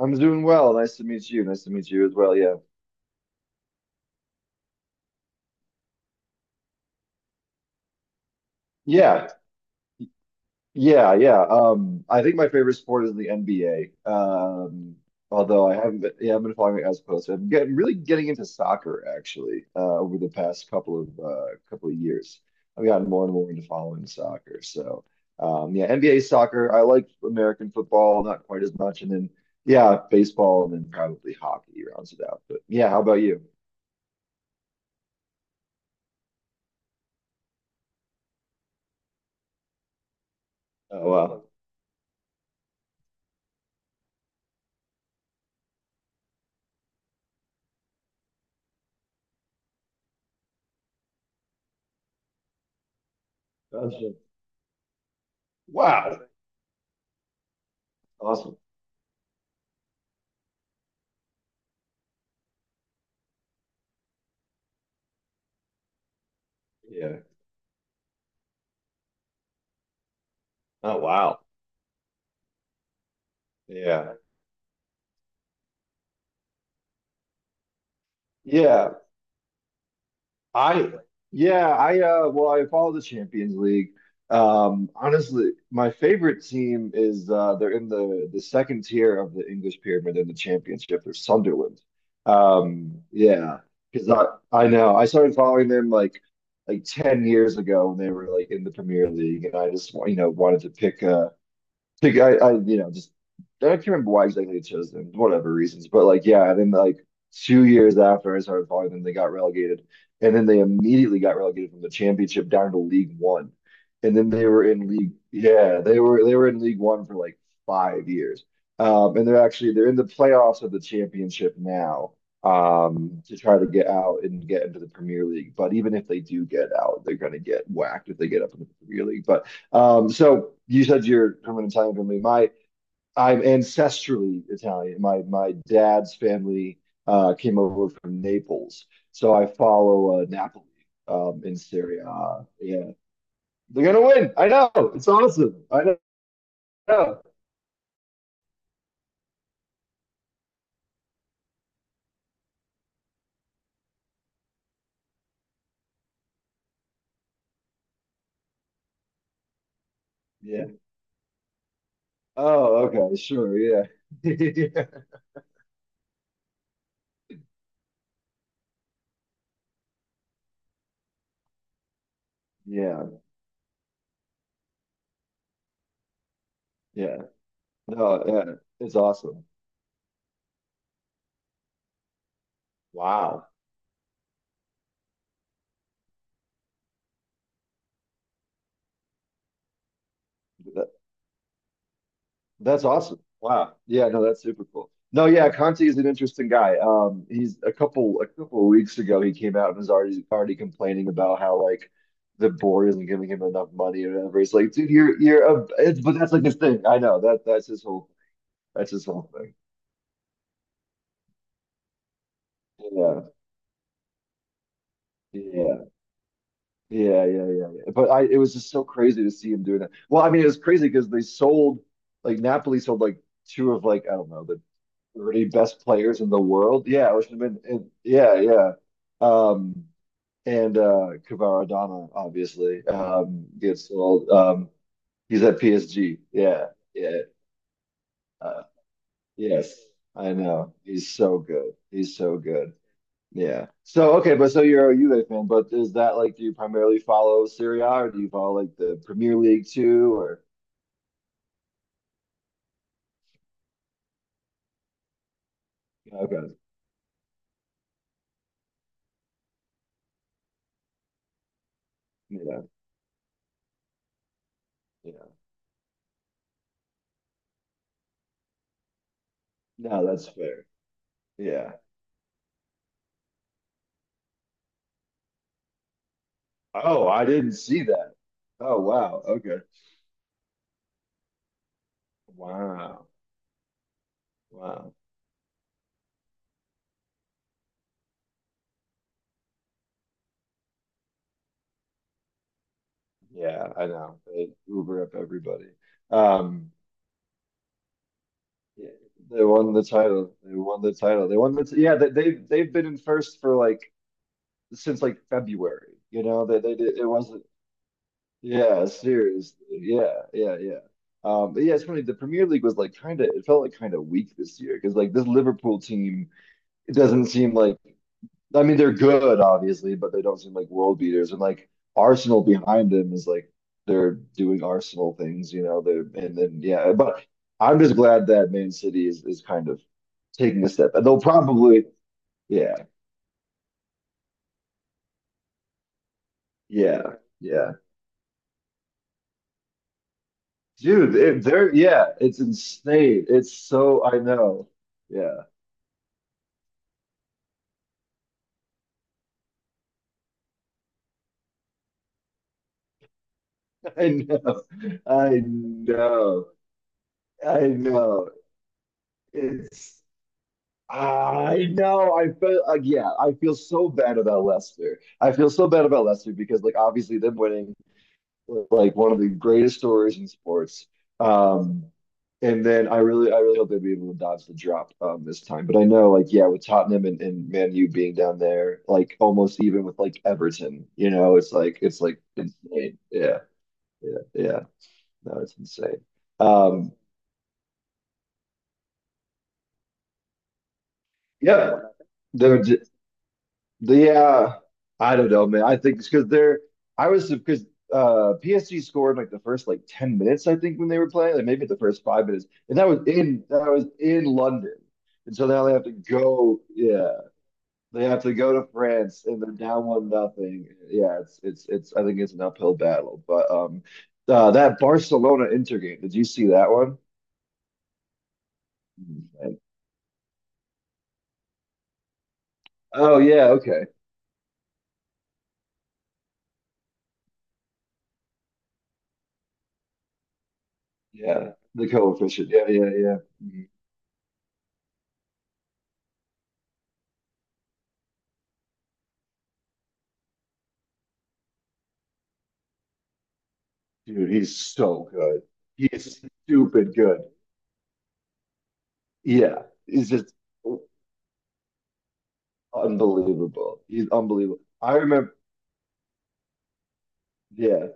I'm doing well. Nice to meet you. Nice to meet you as well. Yeah. Yeah. Yeah. I think my favorite sport is the NBA. Although I haven't been, yeah, I've been following it as close. I'm getting really getting into soccer actually, over the past couple of years. I've gotten more and more into following soccer. So, yeah, NBA soccer. I like American football, not quite as much, and then yeah, baseball, and then probably hockey rounds it out. But yeah, how about you? Oh, wow. Gotcha. Wow. Awesome. Yeah. Oh, wow. Yeah. Yeah. I, I follow the Champions League. Honestly, my favorite team is, they're in the second tier of the English pyramid in the championship. They're Sunderland. Yeah. Because I know I started following them like 10 years ago when they were like in the Premier League, and I just, you know, wanted to pick, a. Like, you know, just I can't remember why exactly they chose them, whatever reasons. But like, yeah, and then like 2 years after I started following them, they got relegated, and then they immediately got relegated from the championship down to League One, and then they were in League, yeah, they were in League One for like 5 years, and they're in the playoffs of the championship now. To try to get out and get into the Premier League. But even if they do get out, they're going to get whacked if they get up into the Premier League. But so you said you're from an Italian family. My I'm ancestrally Italian. My dad's family came over from Naples, so I follow Napoli in Serie A. Yeah, they're gonna win. I know. It's awesome. I know. Yeah. Oh, okay. Sure. Yeah. Yeah. Yeah. No. Yeah. It's awesome. Wow. That, That's awesome. Wow. Yeah, no, that's super cool. No, yeah, Conte is an interesting guy. He's a couple of weeks ago, he came out and was already complaining about how like the board isn't giving him enough money or whatever. It's like, dude, you're but that's like his thing. I know that that's his whole thing. Yeah. Yeah. Yeah. But I it was just so crazy to see him doing that. Well, I mean, it was crazy because they sold Napoli sold like two of, like, I don't know, 30 best players in the world. Yeah, which would have been, and- yeah, yeah. Um, and Kevara Adama, obviously, gets sold. He's at PSG. Yeah, yeah, uh, yes, I know. He's so good. He's so good. Yeah. So okay, but so you're a Juve fan, but is that like do you primarily follow Serie A or do you follow like the Premier League too? Or okay, yeah, yeah. No, that's fair. Yeah. Oh, I didn't see that. Oh wow. Okay. Wow. Wow. Yeah, I know. They Uber up everybody. Um, yeah, they won the title. They won the title. They won the t yeah, they've been in first for like since like February. You know, they did it wasn't yeah, seriously. Yeah. But yeah, it's funny. The Premier League was like it felt like kind of weak this year, because like this Liverpool team, it doesn't seem like I mean, they're good, obviously, but they don't seem like world beaters. And like Arsenal behind them is like they're doing Arsenal things, you know. They're and then yeah, but I'm just glad that Man City is kind of taking a step. And they'll probably yeah, yeah, yeah, dude. They're yeah, it's insane. It's so I know. Yeah, I know. I know. I know. It's I know. I feel like yeah. I feel so bad about Leicester. I feel so bad about Leicester, because like obviously them winning was like one of the greatest stories in sports. Um, and then I really hope they would be able to dodge the drop this time. But I know like yeah, with Tottenham and Man U being down there, like almost even with like Everton, you know, it's like insane. Yeah, yeah. No, it's insane. Um, yeah, they're Yeah, I don't know, man. I think it's because they're. I was because PSG scored like the first like 10 minutes, I think, when they were playing, like maybe the first 5 minutes, and that was in London, and so now they have to go. Yeah, they have to go to France, and they're down one nothing. Yeah, it's. I think it's an uphill battle, but that Barcelona Inter game. Did you see that one? Mhm. Oh yeah, okay, yeah, the coefficient. Yeah. Mm-hmm. Dude, he's so good. He is stupid good. Yeah, he's just unbelievable. He's unbelievable. I remember, yeah,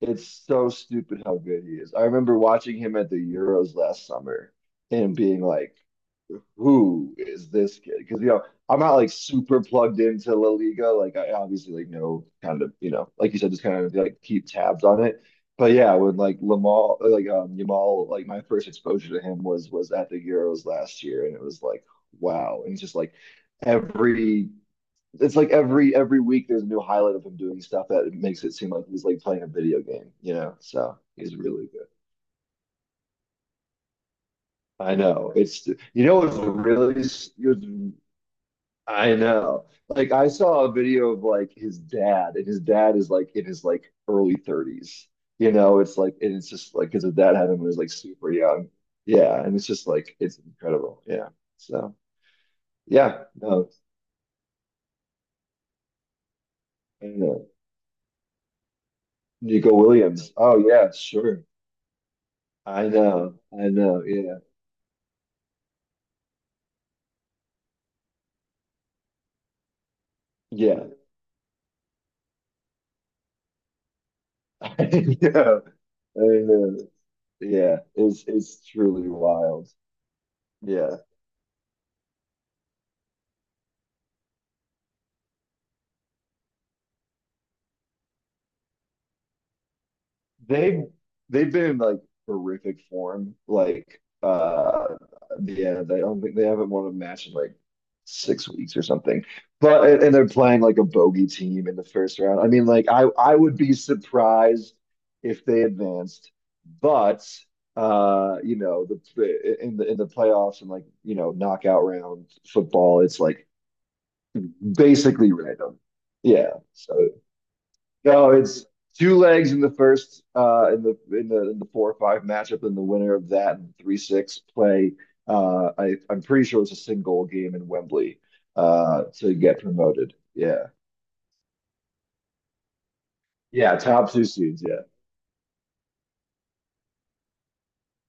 it's so stupid how good he is. I remember watching him at the Euros last summer and being like, who is this kid? Because you know, I'm not like super plugged into La Liga. Like I obviously like know kind of, you know, like you said, just kind of like keep tabs on it. But yeah, when like Yamal, like my first exposure to him was at the Euros last year, and it was like wow, and it's just like every. It's like every week there's a new highlight of him doing stuff that makes it seem like he's like playing a video game, you know? So he's really good. I know. It's you know what's really it's I know. Like I saw a video of like his dad, and his dad is like in his like early 30s. You know, it's like and it's just like because his dad had him when he was like super young. Yeah, and it's just like it's incredible. Yeah. So yeah, no, I know. Nico Williams. Oh yeah, sure. I know. I know. Yeah. Yeah. I know. I know. Yeah. It's truly wild. Yeah. They've they've been in like horrific form. Like yeah, they don't think they haven't won a match in like 6 weeks or something. But and they're playing like a bogey team in the first round. I mean, like I would be surprised if they advanced, but you know the in the in the playoffs and like you know knockout round football, it's like basically random. Yeah, so no, it's two legs in the first in the in the in the four or five matchup, and the winner of that and three six play I'm pretty sure it's a single game in Wembley to get promoted. Yeah. Yeah, top two seeds, yeah.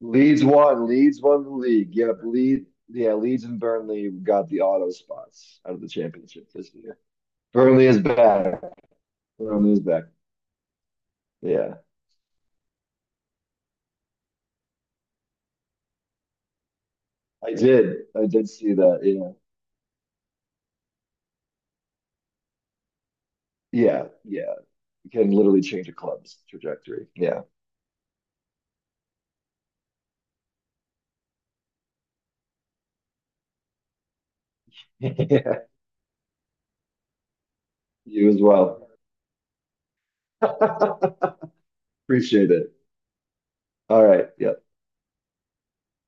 Leeds won the league. Yep, Leeds and Burnley got the auto spots out of the championship this year. Burnley is back. Burnley is back. Yeah. I did see that. Yeah. Yeah. Yeah. can literally change a club's trajectory. Yeah. yeah. you as well. Appreciate it. All right. Yeah.